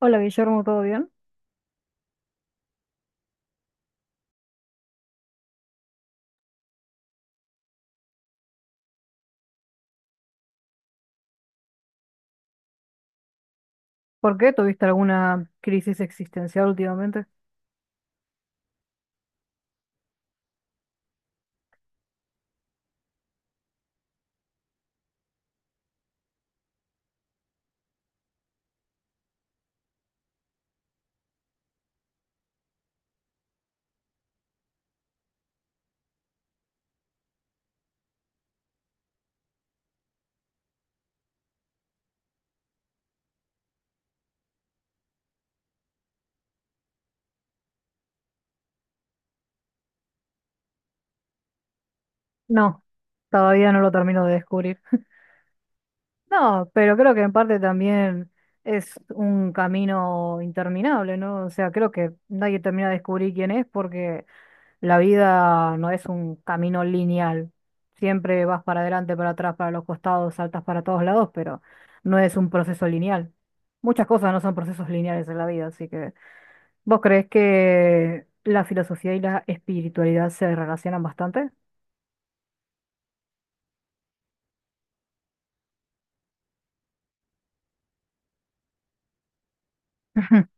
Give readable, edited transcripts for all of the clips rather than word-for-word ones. Hola Guillermo, ¿todo bien? ¿Por qué? ¿Tuviste alguna crisis existencial últimamente? No, todavía no lo termino de descubrir. No, pero creo que en parte también es un camino interminable, ¿no? O sea, creo que nadie termina de descubrir quién es porque la vida no es un camino lineal. Siempre vas para adelante, para atrás, para los costados, saltas para todos lados, pero no es un proceso lineal. Muchas cosas no son procesos lineales en la vida, así que... ¿Vos crees que la filosofía y la espiritualidad se relacionan bastante? Ujú.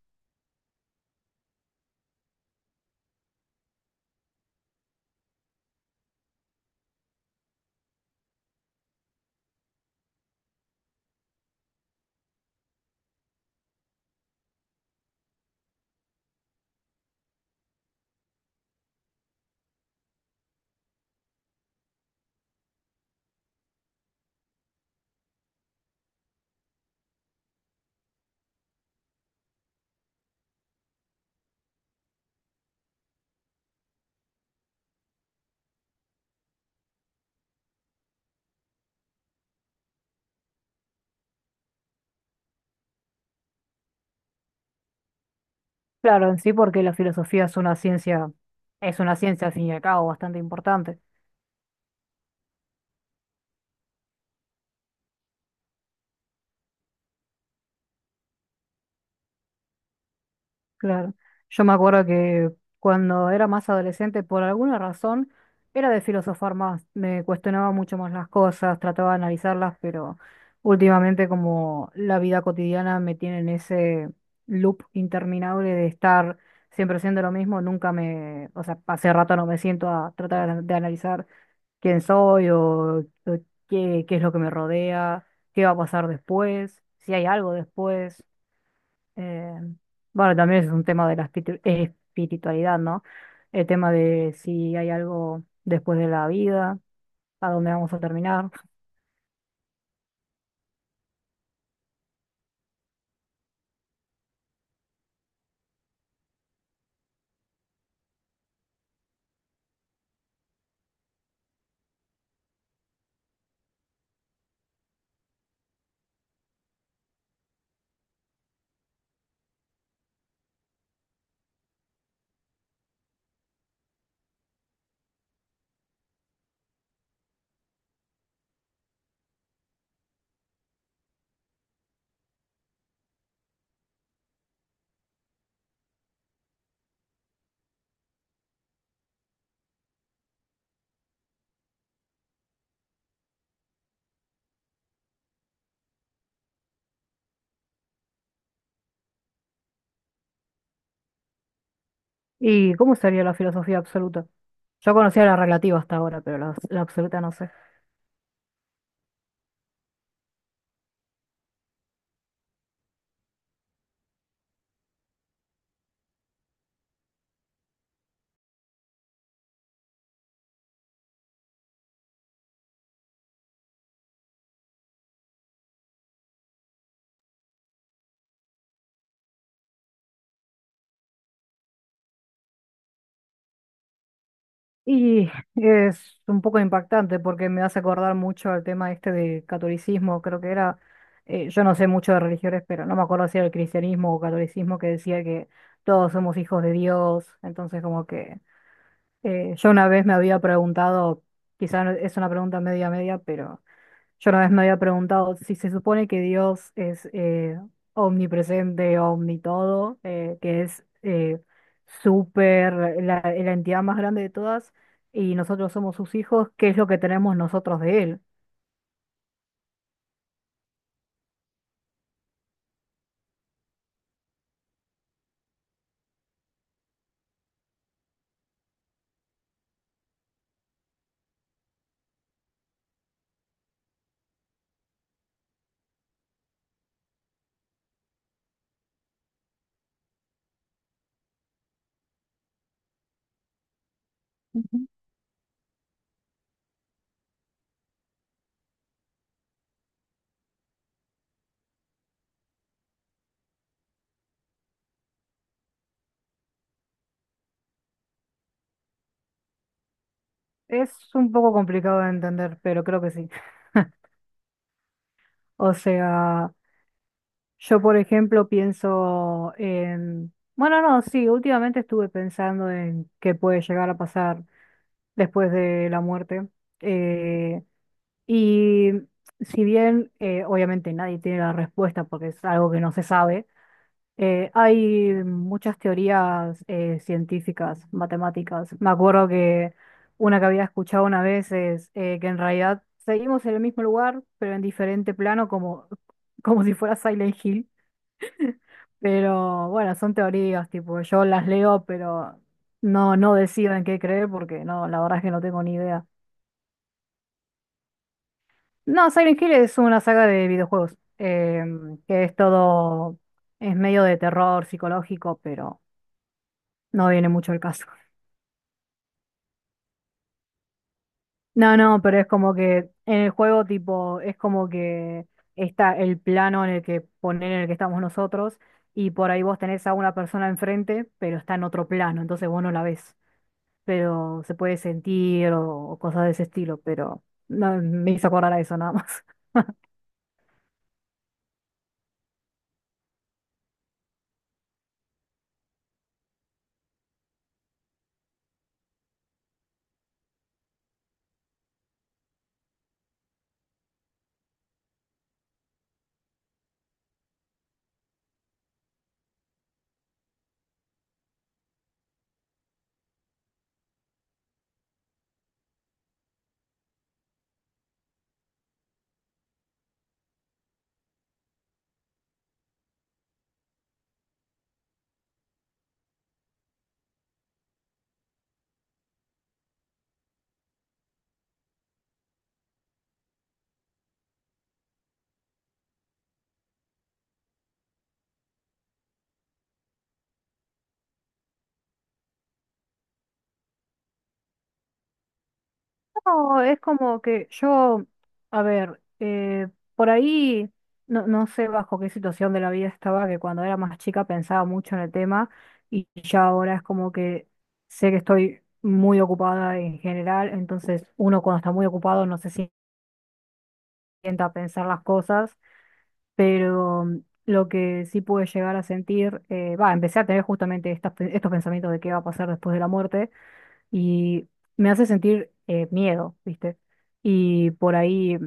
Claro, en sí, porque la filosofía es una ciencia al fin y al cabo bastante importante. Claro. Yo me acuerdo que cuando era más adolescente, por alguna razón, era de filosofar más, me cuestionaba mucho más las cosas, trataba de analizarlas, pero últimamente como la vida cotidiana me tiene en ese loop interminable de estar siempre haciendo lo mismo, nunca me, o sea, hace rato no me siento a tratar de analizar quién soy o qué es lo que me rodea, qué va a pasar después, si hay algo después. Eh, bueno, también es un tema de la espiritualidad, ¿no? El tema de si hay algo después de la vida, a dónde vamos a terminar. ¿Y cómo sería la filosofía absoluta? Yo conocía la relativa hasta ahora, pero la absoluta no sé. Y es un poco impactante porque me hace acordar mucho al tema este de catolicismo, creo que era, yo no sé mucho de religiones, pero no me acuerdo si era el cristianismo o catolicismo que decía que todos somos hijos de Dios, entonces como que yo una vez me había preguntado, quizás es una pregunta media media, pero yo una vez me había preguntado si se supone que Dios es omnipresente, omnitodo, que es súper, la entidad más grande de todas, y nosotros somos sus hijos, ¿qué es lo que tenemos nosotros de él? Ujú. Es un poco complicado de entender, pero creo que sí. O sea... Yo, por ejemplo, pienso en... Bueno, no, sí, últimamente estuve pensando en qué puede llegar a pasar después de la muerte. Eh, y si bien, obviamente, nadie tiene la respuesta porque es algo que no se sabe, hay muchas teorías científicas, matemáticas. Me acuerdo que una que había escuchado una vez es que en realidad seguimos en el mismo lugar, pero en diferente plano, como, como si fuera Silent Hill, pero bueno, son teorías, tipo, yo las leo, pero no, no decido en qué creer porque no, la verdad es que no tengo ni idea. No, Silent Hill es una saga de videojuegos, que es todo, es medio de terror psicológico, pero no viene mucho el caso. No, no, pero es como que en el juego, tipo, es como que está el plano en el que poner en el que estamos nosotros, y por ahí vos tenés a una persona enfrente, pero está en otro plano, entonces vos no la ves, pero se puede sentir o cosas de ese estilo, pero no, me hizo acordar a eso nada más. No, es como que yo, a ver, por ahí no, no sé bajo qué situación de la vida estaba, que cuando era más chica pensaba mucho en el tema y ya ahora es como que sé que estoy muy ocupada en general, entonces uno cuando está muy ocupado no se sienta a pensar las cosas, pero lo que sí pude llegar a sentir, empecé a tener justamente estos pensamientos de qué va a pasar después de la muerte y me hace sentir miedo, ¿viste? Y por ahí,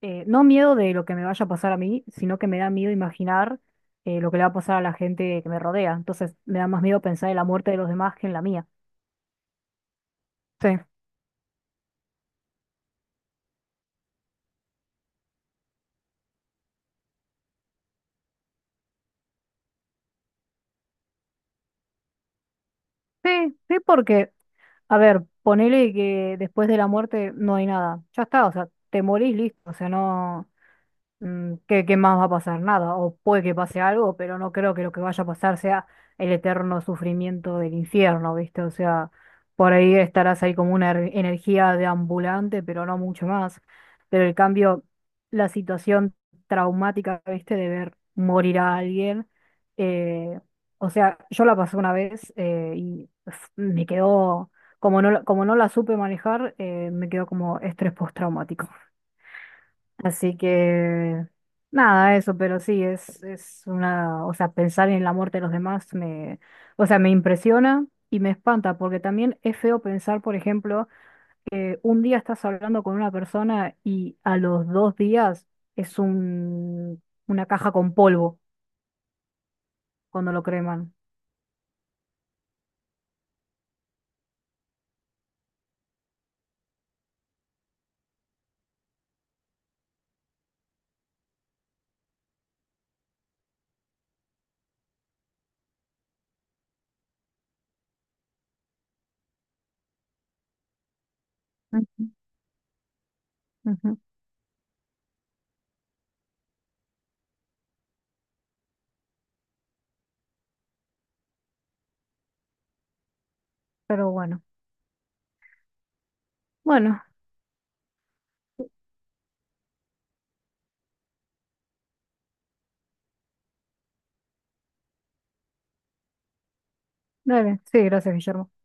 no miedo de lo que me vaya a pasar a mí, sino que me da miedo imaginar lo que le va a pasar a la gente que me rodea. Entonces me da más miedo pensar en la muerte de los demás que en la mía. Sí, sí, sí, porque, a ver, ponele que después de la muerte no hay nada. Ya está, o sea, te morís, listo, o sea, no... Mm, ¿qué más va a pasar? Nada, o puede que pase algo, pero no creo que lo que vaya a pasar sea el eterno sufrimiento del infierno, ¿viste? O sea, por ahí estarás ahí como una energía de ambulante, pero no mucho más. Pero el cambio, la situación traumática, ¿viste? De ver morir a alguien, eh, o sea, yo la pasé una vez, me quedó, como no, como no la supe manejar, me quedó como estrés postraumático. Así que nada, eso, pero sí, es una, o sea, pensar en la muerte de los demás me, o sea, me impresiona y me espanta, porque también es feo pensar, por ejemplo, que un día estás hablando con una persona y a los dos días es un, una caja con polvo cuando lo creman. Ujú, ujú. Pero bueno, bueno, dale, sí, gracias, Guillermo.